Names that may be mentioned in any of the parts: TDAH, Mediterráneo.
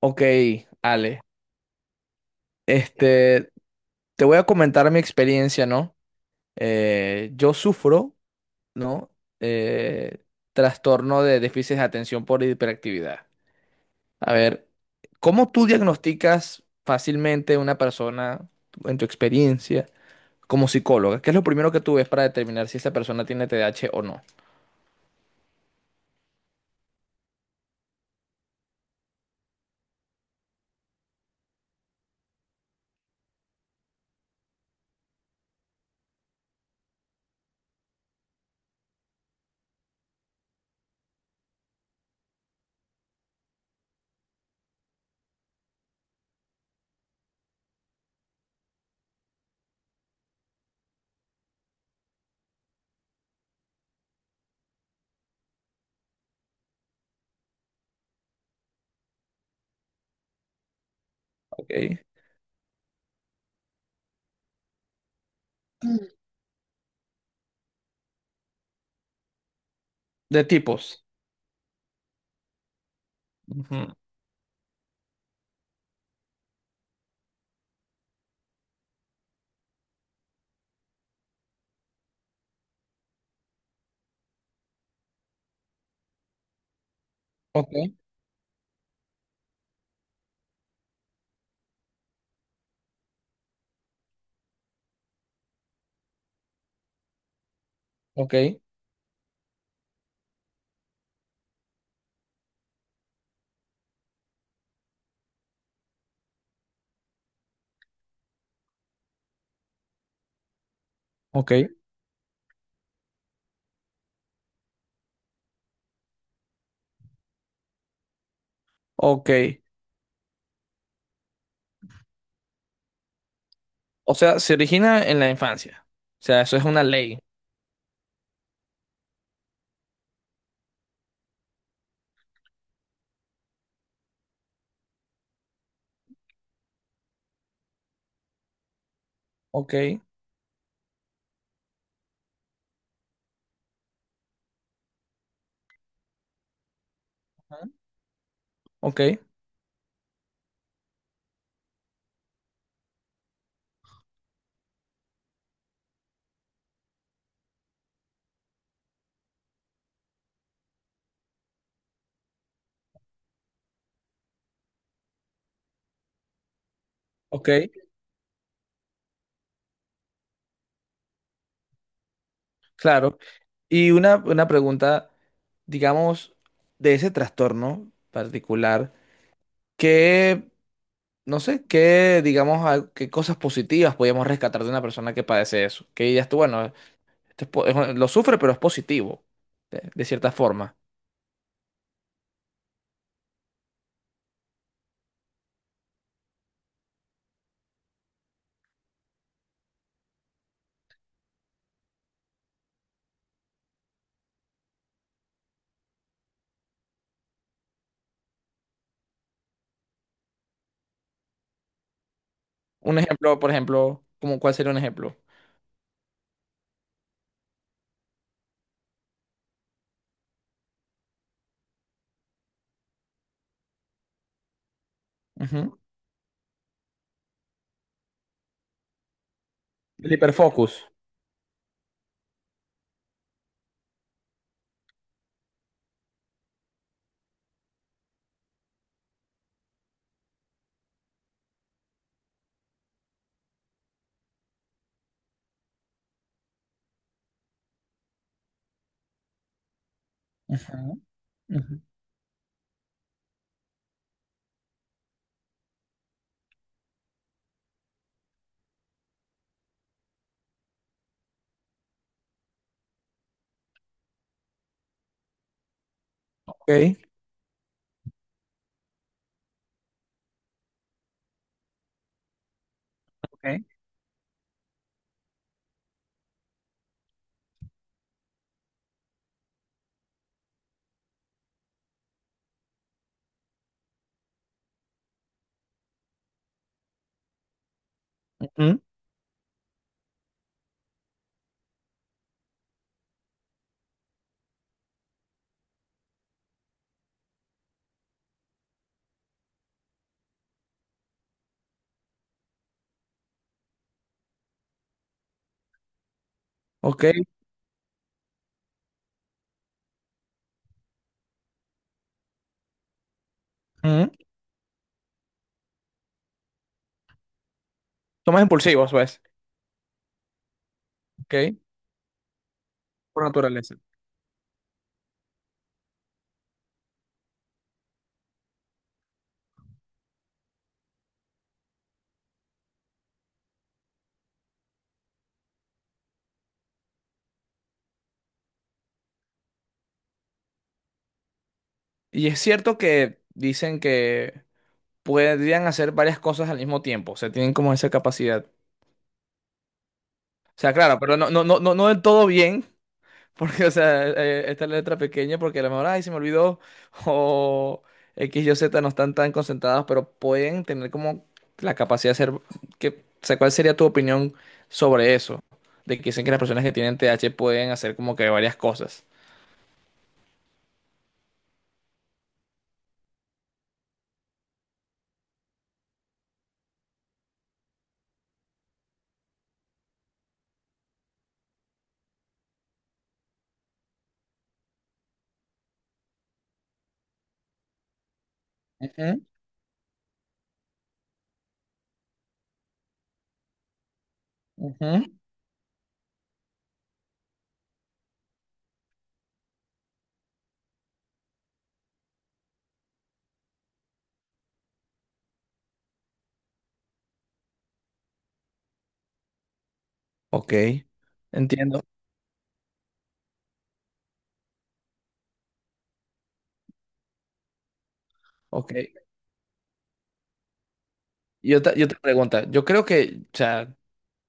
Ok. Ale, este, te voy a comentar mi experiencia, ¿no? Yo sufro, ¿no? Eh, trastorno de déficit de atención por hiperactividad. A ver, ¿cómo tú diagnosticas fácilmente una persona en tu experiencia como psicóloga? ¿Qué es lo primero que tú ves para determinar si esa persona tiene TDAH o no? Ok. De tipos. Ujú. Ok, ok, ok, ok. O sea, se origina en la infancia. O sea, eso es una ley. Ok, ajá, ok, ok, claro. Y una pregunta, digamos, de ese trastorno particular, ¿qué, no sé, qué, digamos, qué cosas positivas podríamos rescatar de una persona que padece eso? Que dirías tú, bueno, esto es lo sufre, pero es positivo, de cierta forma. Un ejemplo, por ejemplo, ¿cómo, cuál sería un ejemplo? Ujú. El hiperfocus. Ujú, ujú. Ok. Ok. Ujú, ok. Ujú. Son más impulsivos, pues, ¿ok? Por naturaleza. Y es cierto que dicen que podrían hacer varias cosas al mismo tiempo, o sea, tienen como esa capacidad. O sea, claro, pero no, no, no, no, no del todo bien, porque, o sea, esta letra pequeña, porque a lo mejor, ay, se me olvidó, o X, Y, Z no están tan concentrados, pero pueden tener como la capacidad de hacer, que, o sea, ¿cuál sería tu opinión sobre eso? De que dicen que las personas que tienen T H pueden hacer como que varias cosas. Ujú, ujú. Ok, entiendo. Ok. Y otra pregunta. Yo creo que, o sea,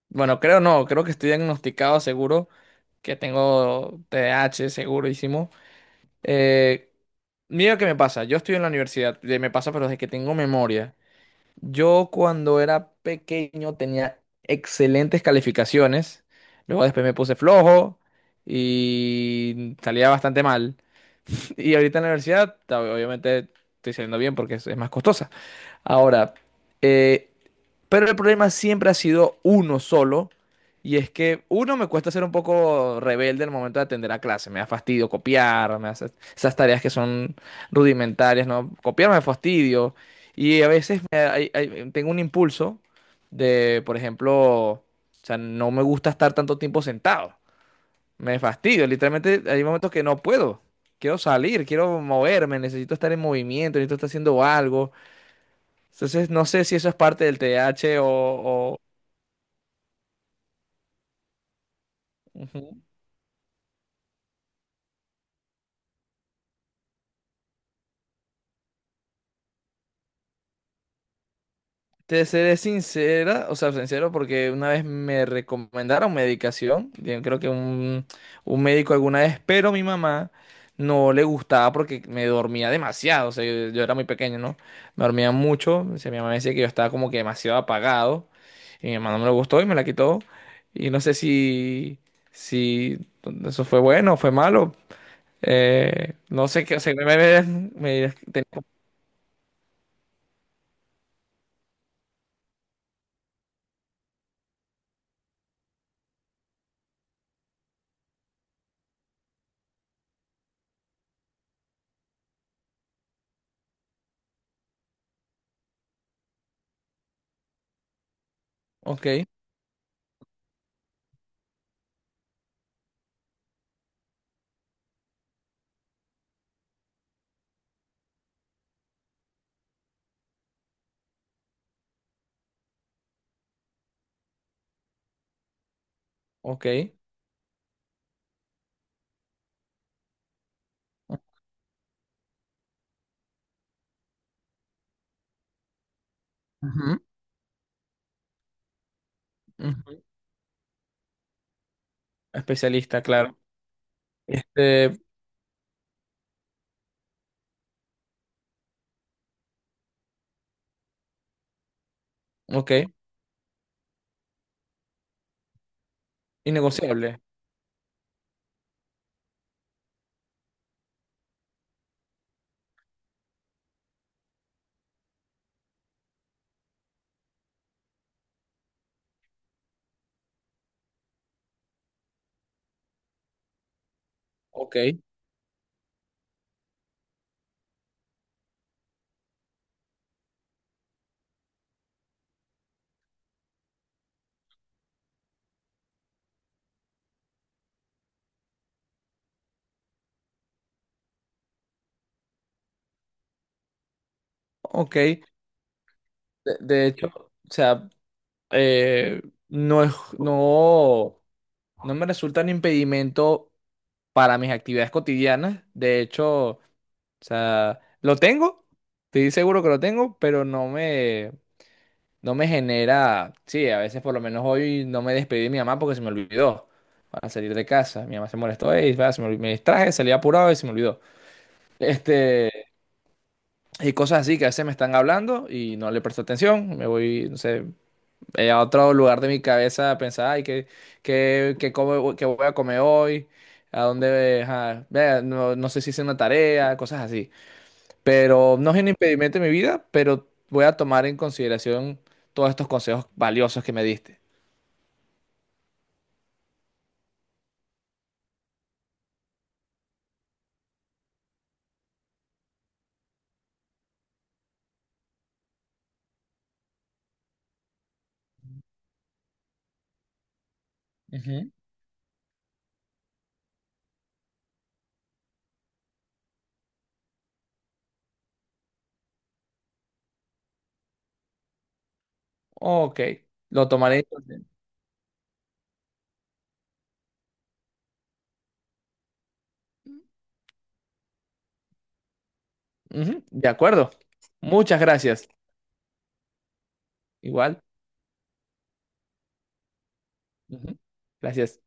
bueno, creo no, creo que estoy diagnosticado seguro, que tengo TDAH segurísimo. Eh, mira qué me pasa. Yo estoy en la universidad, me pasa, pero desde que tengo memoria. Yo cuando era pequeño tenía excelentes calificaciones. Luego después me puse flojo y salía bastante mal. Y ahorita en la universidad, obviamente estoy saliendo bien porque es más costosa. Ahora, eh, pero el problema siempre ha sido uno solo. Y es que uno me cuesta ser un poco rebelde al momento de atender a clase. Me da fastidio copiar, me hace esas tareas que son rudimentarias, ¿no? Copiar me da fastidio. Y a veces tengo un impulso de, por ejemplo, o sea, no me gusta estar tanto tiempo sentado. Me fastidio. Literalmente hay momentos que no puedo. Quiero salir, quiero moverme, necesito estar en movimiento, necesito estar haciendo algo. Entonces, no sé si eso es parte del TH ujú. Te seré sincera, o sea, sincero, porque una vez me recomendaron medicación, yo creo que un médico alguna vez, pero mi mamá no le gustaba porque me dormía demasiado, o sea, yo era muy pequeño, ¿no? Me dormía mucho, o sea, mi mamá decía que yo estaba como que demasiado apagado, y mi mamá no me lo gustó y me la quitó, y no sé si eso fue bueno o fue malo, no sé qué, o sea, tenía. Ok, ok. Ujú, ujú. Especialista, claro. Este, ok. Innegociable. Ok, ok. De hecho, o sea, eh, no es, no, no me resulta un impedimento para mis actividades cotidianas. De hecho, o sea, lo tengo, estoy seguro que lo tengo, pero no me genera, sí, a veces por lo menos hoy no me despedí de mi mamá porque se me olvidó para salir de casa. Mi mamá se molestó, "Ey, va, me distraje, salí apurado y se me olvidó". Este, y cosas así que a veces me están hablando y no le presto atención, me voy, no sé, a otro lugar de mi cabeza a pensar, ay, qué voy a comer hoy? ¿A dónde? Ajá, vea, no, no sé si hice una tarea, cosas así. Pero no es un impedimento en mi vida, pero voy a tomar en consideración todos estos consejos valiosos que me diste. Ujú. Ok, lo tomaré entonces. Ujú, de acuerdo. Muchas gracias. Igual. Ujú. Gracias.